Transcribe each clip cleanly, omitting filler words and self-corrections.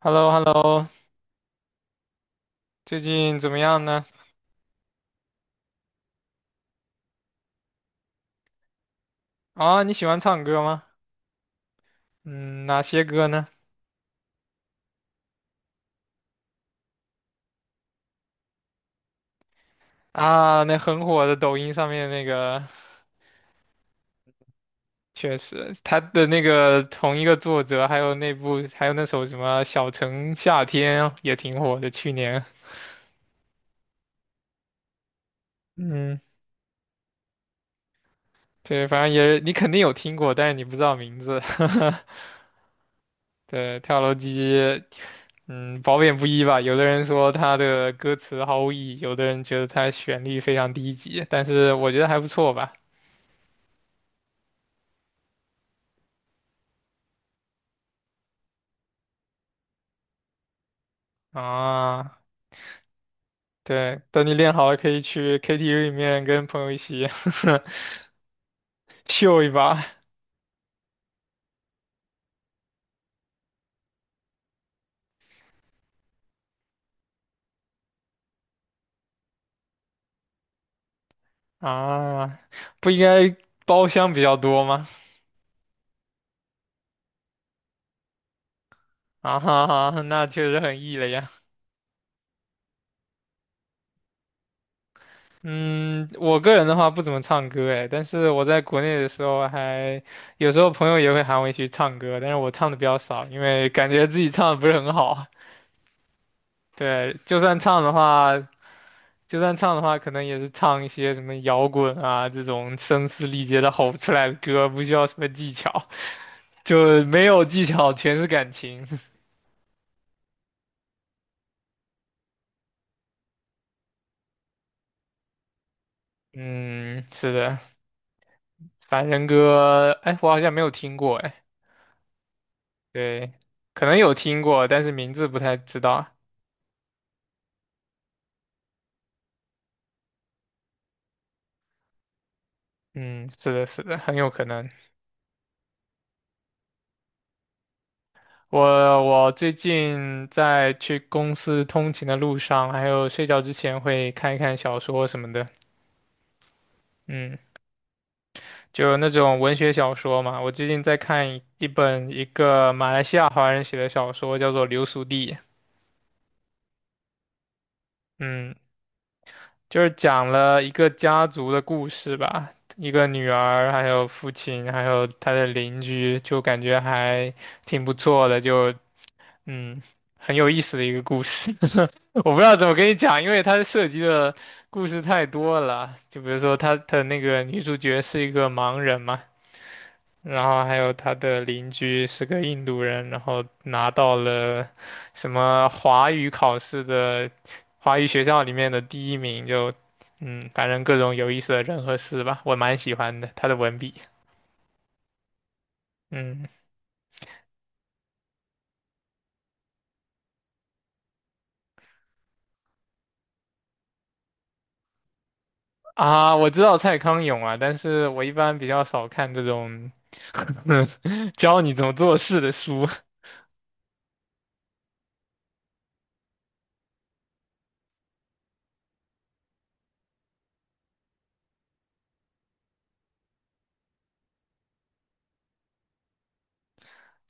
h e l l o h e l l o 最近怎么样呢？啊，你喜欢唱歌吗？嗯，哪些歌呢？啊，那很火的抖音上面那个，确实，他的那个同一个作者，还有那部，还有那首什么《小城夏天》也挺火的，去年。嗯，对，反正也你肯定有听过，但是你不知道名字。对，跳楼机，嗯，褒贬不一吧。有的人说他的歌词毫无意义，有的人觉得他旋律非常低级，但是我觉得还不错吧。啊，对，等你练好了，可以去 KTV 里面跟朋友一起 秀一把。啊！不应该包厢比较多吗？啊哈哈，那确实很 E 了呀。嗯，我个人的话不怎么唱歌哎，但是我在国内的时候还有时候朋友也会喊我一起唱歌，但是我唱的比较少，因为感觉自己唱的不是很好。对，就算唱的话，就算唱的话，可能也是唱一些什么摇滚啊这种声嘶力竭的吼出来的歌，不需要什么技巧，就没有技巧，全是感情。嗯，是的。凡人歌，哎，我好像没有听过，哎，对，可能有听过，但是名字不太知道。嗯，是的，是的，很有可能。我我最近在去公司通勤的路上，还有睡觉之前会看一看小说什么的。嗯。就那种文学小说嘛。我最近在看一本一个马来西亚华人写的小说，叫做《流俗地》。嗯，就是讲了一个家族的故事吧，一个女儿，还有父亲，还有他的邻居，就感觉还挺不错的，就嗯，很有意思的一个故事。我不知道怎么跟你讲，因为它涉及的故事太多了。就比如说，他的那个女主角是一个盲人嘛。然后还有他的邻居是个印度人，然后拿到了什么华语考试的华语学校里面的第一名，就嗯，反正各种有意思的人和事吧，我蛮喜欢的，他的文笔，嗯。啊，我知道蔡康永啊，但是我一般比较少看这种 教你怎么做事的书，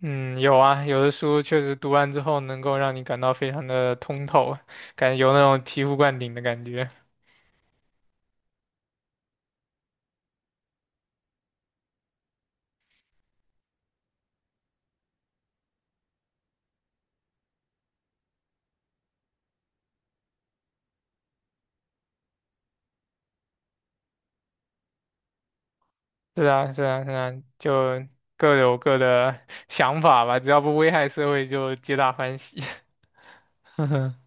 嗯，有啊，有的书确实读完之后能够让你感到非常的通透，感觉有那种醍醐灌顶的感觉。是啊，是啊，是啊，就各有各的 想法吧，只要不危害社会，就皆大欢喜。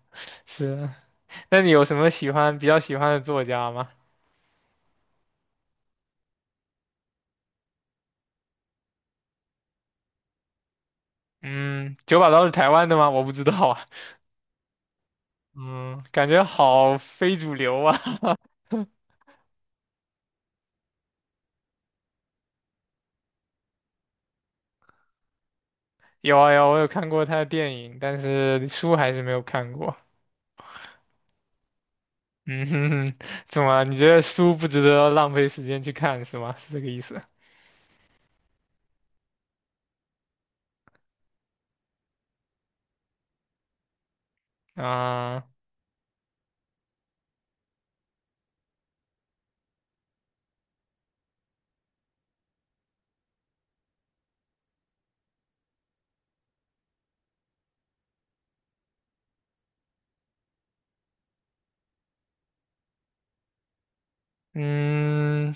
是啊，那你有什么喜欢比较喜欢的作家吗？嗯，九把刀是台湾的吗？我不知道啊。嗯，感觉好非主流啊。有啊有啊我有看过他的电影，但是书还是没有看过。嗯哼哼，怎么啊？你觉得书不值得浪费时间去看是吗？是这个意思？啊、嗯，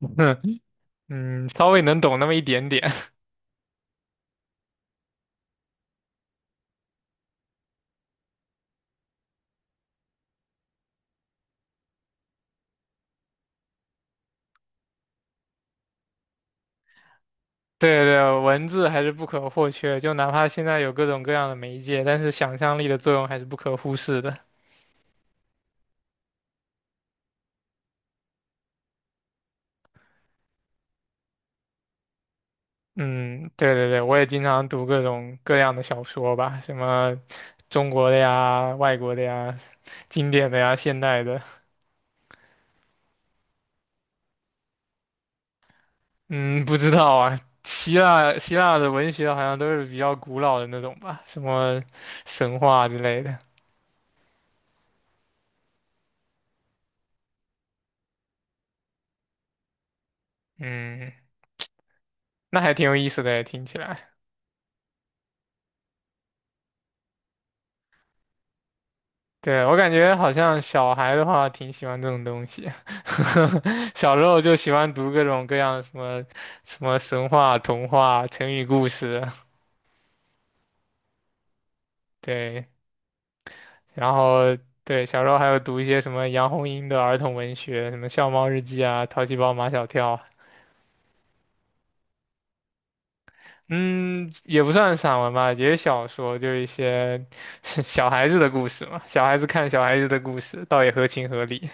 嗯，稍微能懂那么一点点。对对，文字还是不可或缺，就哪怕现在有各种各样的媒介，但是想象力的作用还是不可忽视的。嗯，对对对，我也经常读各种各样的小说吧，什么中国的呀、外国的呀、经典的呀、现代的。嗯，不知道啊，希腊的文学好像都是比较古老的那种吧，什么神话之类的。嗯，那还挺有意思的，听起来。对，我感觉好像小孩的话挺喜欢这种东西，小时候就喜欢读各种各样什么神话、童话、成语故事，对，然后对小时候还有读一些什么杨红樱的儿童文学，什么《笑猫日记》啊，《淘气包马小跳》啊，嗯，也不算散文吧，也是小说，就是一些 小孩子的故事嘛，小孩子看小孩子的故事，倒也合情合理。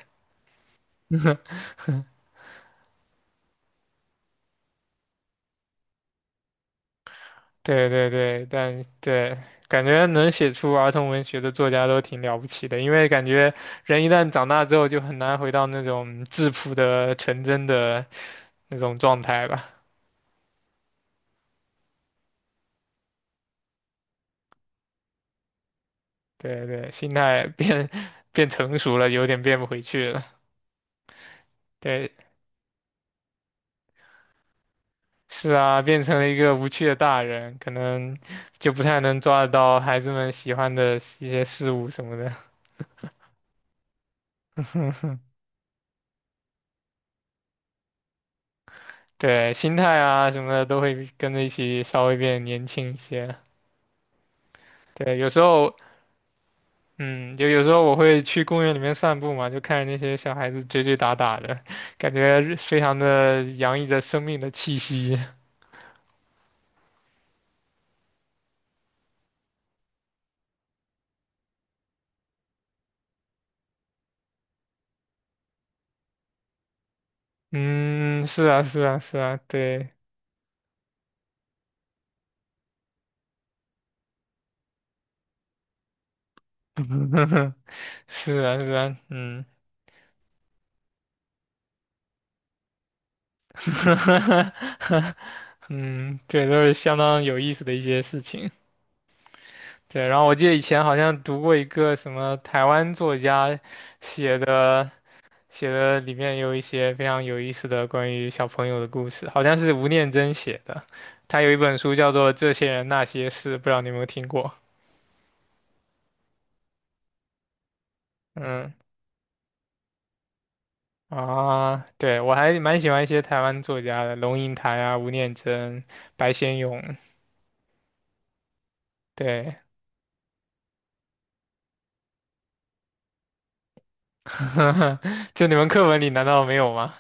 对对对，但对，感觉能写出儿童文学的作家都挺了不起的，因为感觉人一旦长大之后就很难回到那种质朴的、纯真的那种状态吧。对对，心态变 变成熟了，有点变不回去了。对，是啊，变成了一个无趣的大人，可能就不太能抓得到孩子们喜欢的一些事物什么的。对，心态啊什么的都会跟着一起稍微变年轻一些。对，有时候，嗯，有时候我会去公园里面散步嘛，就看着那些小孩子追追打打的，感觉非常的洋溢着生命的气息。嗯，是啊，是啊，是啊，对，是啊，是啊，嗯，嗯，对，都是相当有意思的一些事情。对，然后我记得以前好像读过一个什么台湾作家写的。写的里面有一些非常有意思的关于小朋友的故事，好像是吴念真写的。他有一本书叫做《这些人那些事》，不知道你有没有听过？嗯啊，对，我还蛮喜欢一些台湾作家的，龙应台啊、吴念真、白先勇。对，就你们课文里难道没有吗？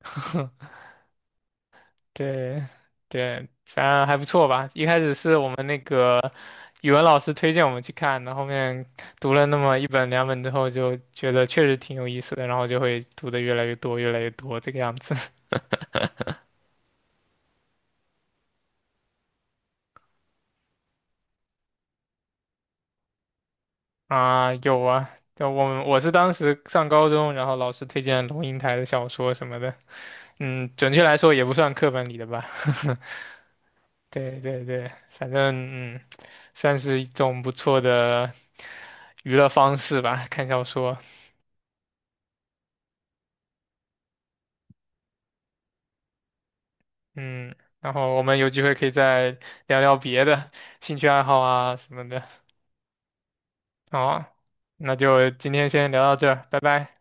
对对，反正还不错吧。一开始是我们那个语文老师推荐我们去看的，后面读了那么一本两本之后，就觉得确实挺有意思的，然后就会读的越来越多，越来越多这个样子。啊，有啊，就我们我是当时上高中，然后老师推荐龙应台的小说什么的，嗯，准确来说也不算课本里的吧。对对对，反正嗯，算是一种不错的娱乐方式吧，看小说。嗯，然后我们有机会可以再聊聊别的兴趣爱好啊什么的。好啊，那就今天先聊到这儿，拜拜。